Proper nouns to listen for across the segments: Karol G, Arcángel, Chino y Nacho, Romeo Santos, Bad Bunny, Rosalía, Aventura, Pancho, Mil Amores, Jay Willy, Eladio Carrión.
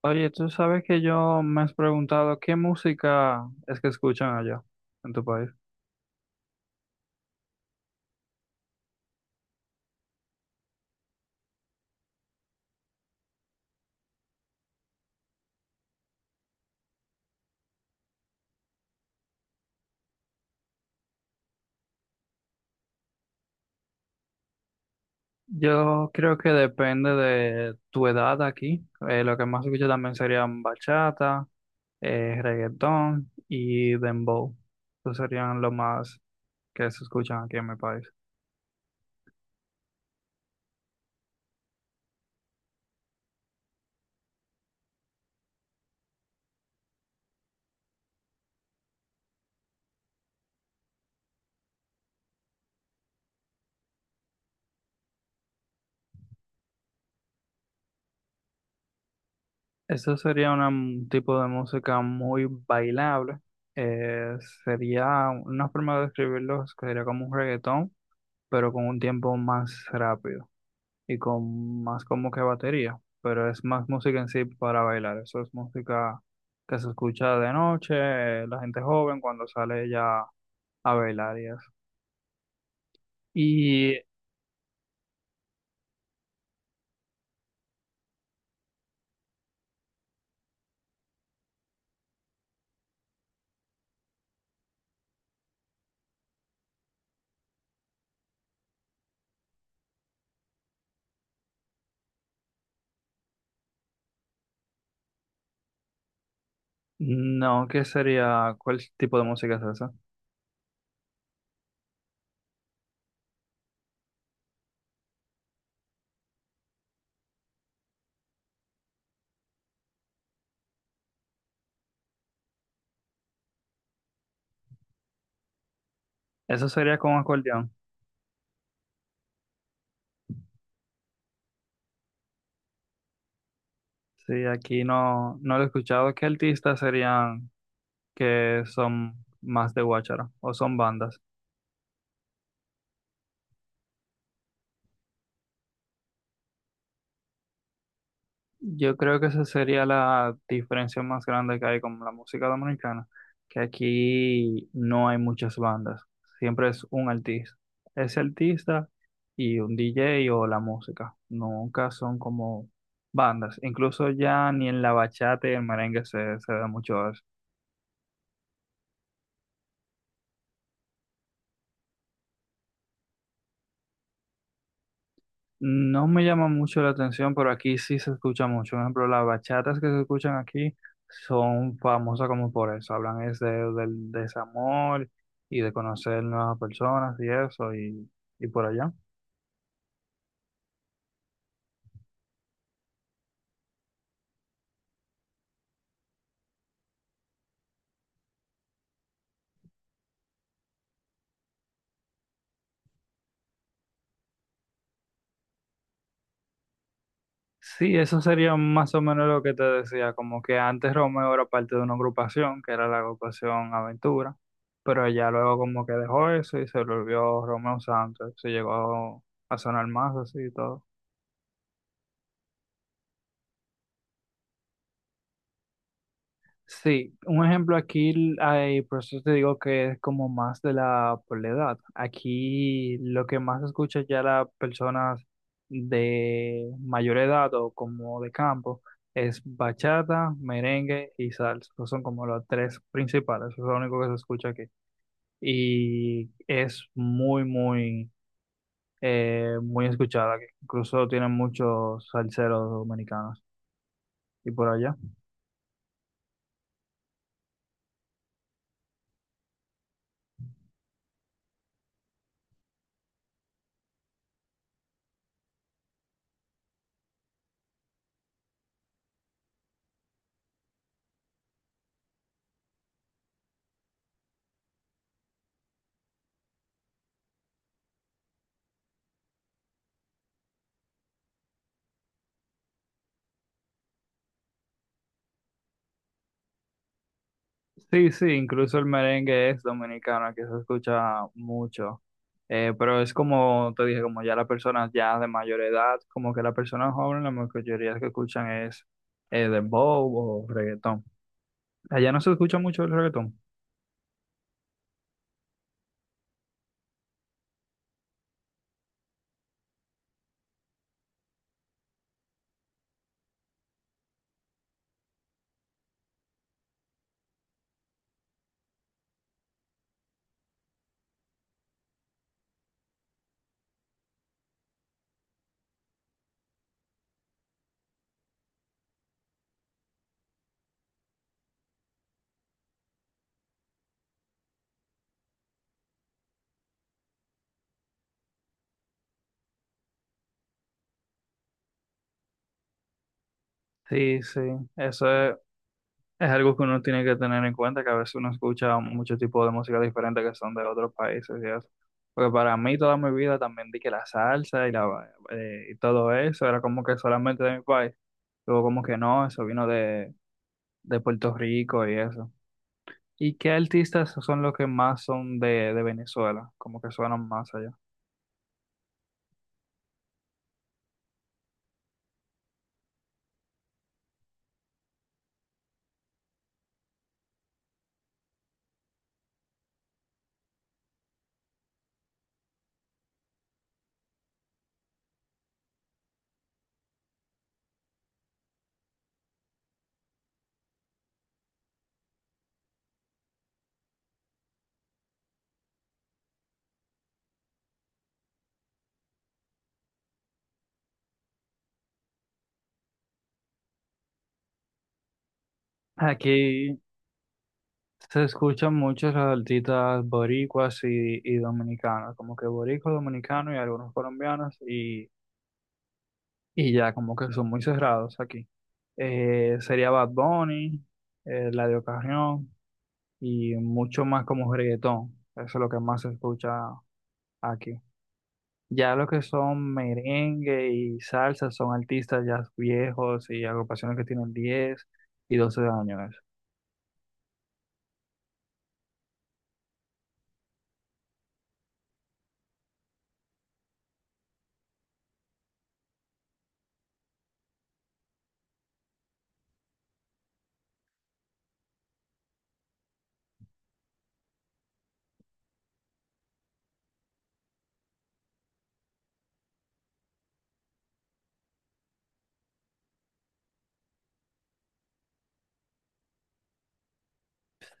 Oye, tú sabes que yo me has preguntado qué música es que escuchan allá en tu país. Yo creo que depende de tu edad aquí. Lo que más escucho también serían bachata, reggaetón y dembow. Esos serían lo más que se escuchan aquí en mi país. Eso sería un tipo de música muy bailable. Eh, Sería una forma de describirlo, que sería como un reggaetón, pero con un tiempo más rápido. Y con más como que batería, pero es más música en sí para bailar. Eso es música que se escucha de noche, la gente joven cuando sale ya a bailar y eso. Y no, ¿qué sería? ¿Cuál tipo de música es esa? Eso sería con acordeón. Sí, aquí no, no lo he escuchado. ¿Qué artistas serían que son más de guachara o son bandas? Yo creo que esa sería la diferencia más grande que hay con la música dominicana, que aquí no hay muchas bandas, siempre es un artista, ese artista y un DJ o la música, nunca son como bandas, incluso ya ni en la bachata y el merengue se da mucho. No me llama mucho la atención, pero aquí sí se escucha mucho. Por ejemplo, las bachatas que se escuchan aquí son famosas como por eso. Hablan es del desamor y de conocer nuevas personas y por allá. Sí, eso sería más o menos lo que te decía, como que antes Romeo era parte de una agrupación, que era la agrupación Aventura, pero ella luego como que dejó eso y se volvió Romeo Santos, se llegó a sonar más así y todo. Sí, un ejemplo aquí, hay, por eso te digo que es como más de la edad. Aquí lo que más se escucha ya las personas de mayor edad o como de campo es bachata, merengue y salsa. Esos son como los tres principales, eso es lo único que se escucha aquí. Y es muy, muy, muy escuchada aquí. Incluso tienen muchos salseros dominicanos. ¿Y por allá? Sí, sí, incluso el merengue es dominicano, que se escucha mucho. Pero es como te dije, como ya las personas ya de mayor edad, como que las personas jóvenes, la mayoría que escuchan es dembow o reggaetón. Allá no se escucha mucho el reggaetón. Sí, sí, eso es. Es algo que uno tiene que tener en cuenta, que a veces uno escucha muchos tipos de música diferente que son de otros países y eso. Porque para mí toda mi vida también di que la salsa y, la, ba- y todo eso era como que solamente de mi país. Luego como que no, eso vino de Puerto Rico y eso. ¿Y qué artistas son los que más son de Venezuela? Como que suenan más allá. Aquí se escuchan muchos los artistas boricuas y dominicanos, como que boricua, dominicano y algunos colombianos. Y ya como que son muy cerrados aquí. Sería Bad Bunny, Eladio Carrión y mucho más como reggaetón. Eso es lo que más se escucha aquí. Ya lo que son merengue y salsa son artistas ya viejos y agrupaciones que tienen 10 y 12 años.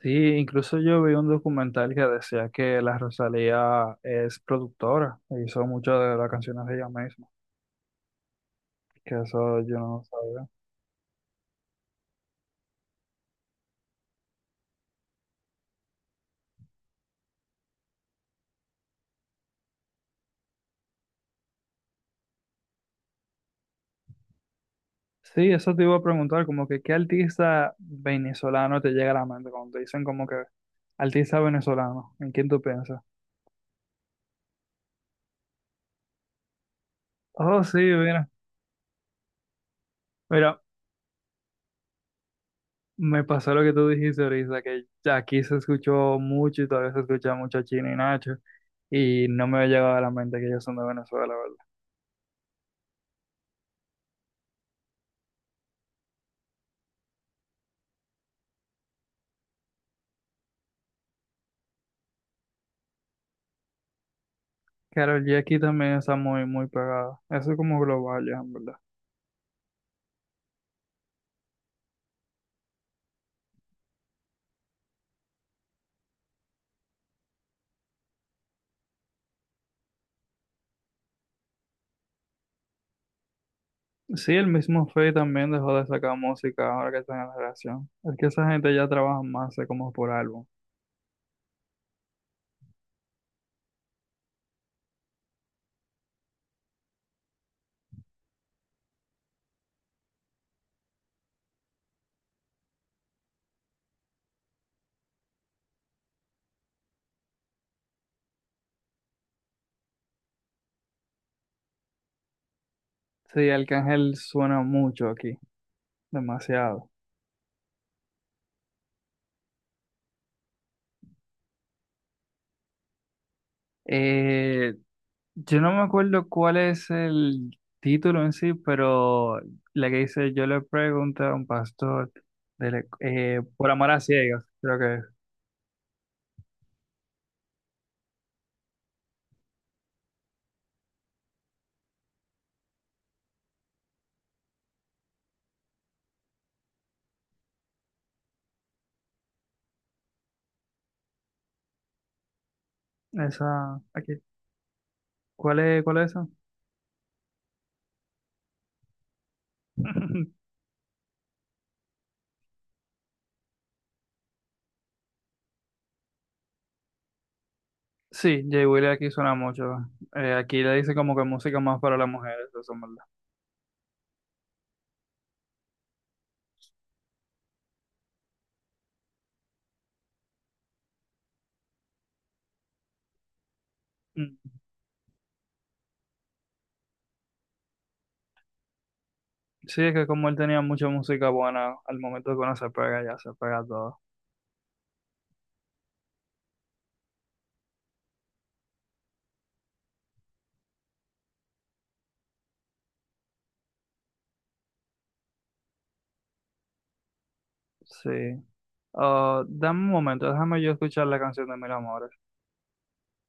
Sí, incluso yo vi un documental que decía que la Rosalía es productora e hizo muchas de las canciones de ella misma, que eso yo no lo sabía. Sí, eso te iba a preguntar, como que qué artista venezolano te llega a la mente cuando te dicen como que artista venezolano, ¿en quién tú piensas? Oh, sí, mira, mira, me pasó lo que tú dijiste ahorita, que ya aquí se escuchó mucho y todavía se escucha mucho a Chino y Nacho, y no me ha llegado a la mente que ellos son de Venezuela, ¿la verdad? Karol G aquí también está muy, muy pegada, eso es como global ya, en verdad. Sí, el mismo Faye también dejó de sacar música ahora que está en la relación, es que esa gente ya trabaja más como por álbum. Sí, Arcángel suena mucho aquí, demasiado. Eh, yo no me acuerdo cuál es el título en sí, pero la que dice, yo le pregunté a un pastor por amor a ciegas, creo que es. Esa, aquí. Cuál es esa? Sí, Jay Willy aquí suena mucho. Aquí le dice como que música más para las mujeres, eso es verdad. Mm. Sí, es que como él tenía mucha música buena, al momento que uno se pega, ya se pega todo. Sí. Ah, dame un momento, déjame yo escuchar la canción de Mil Amores.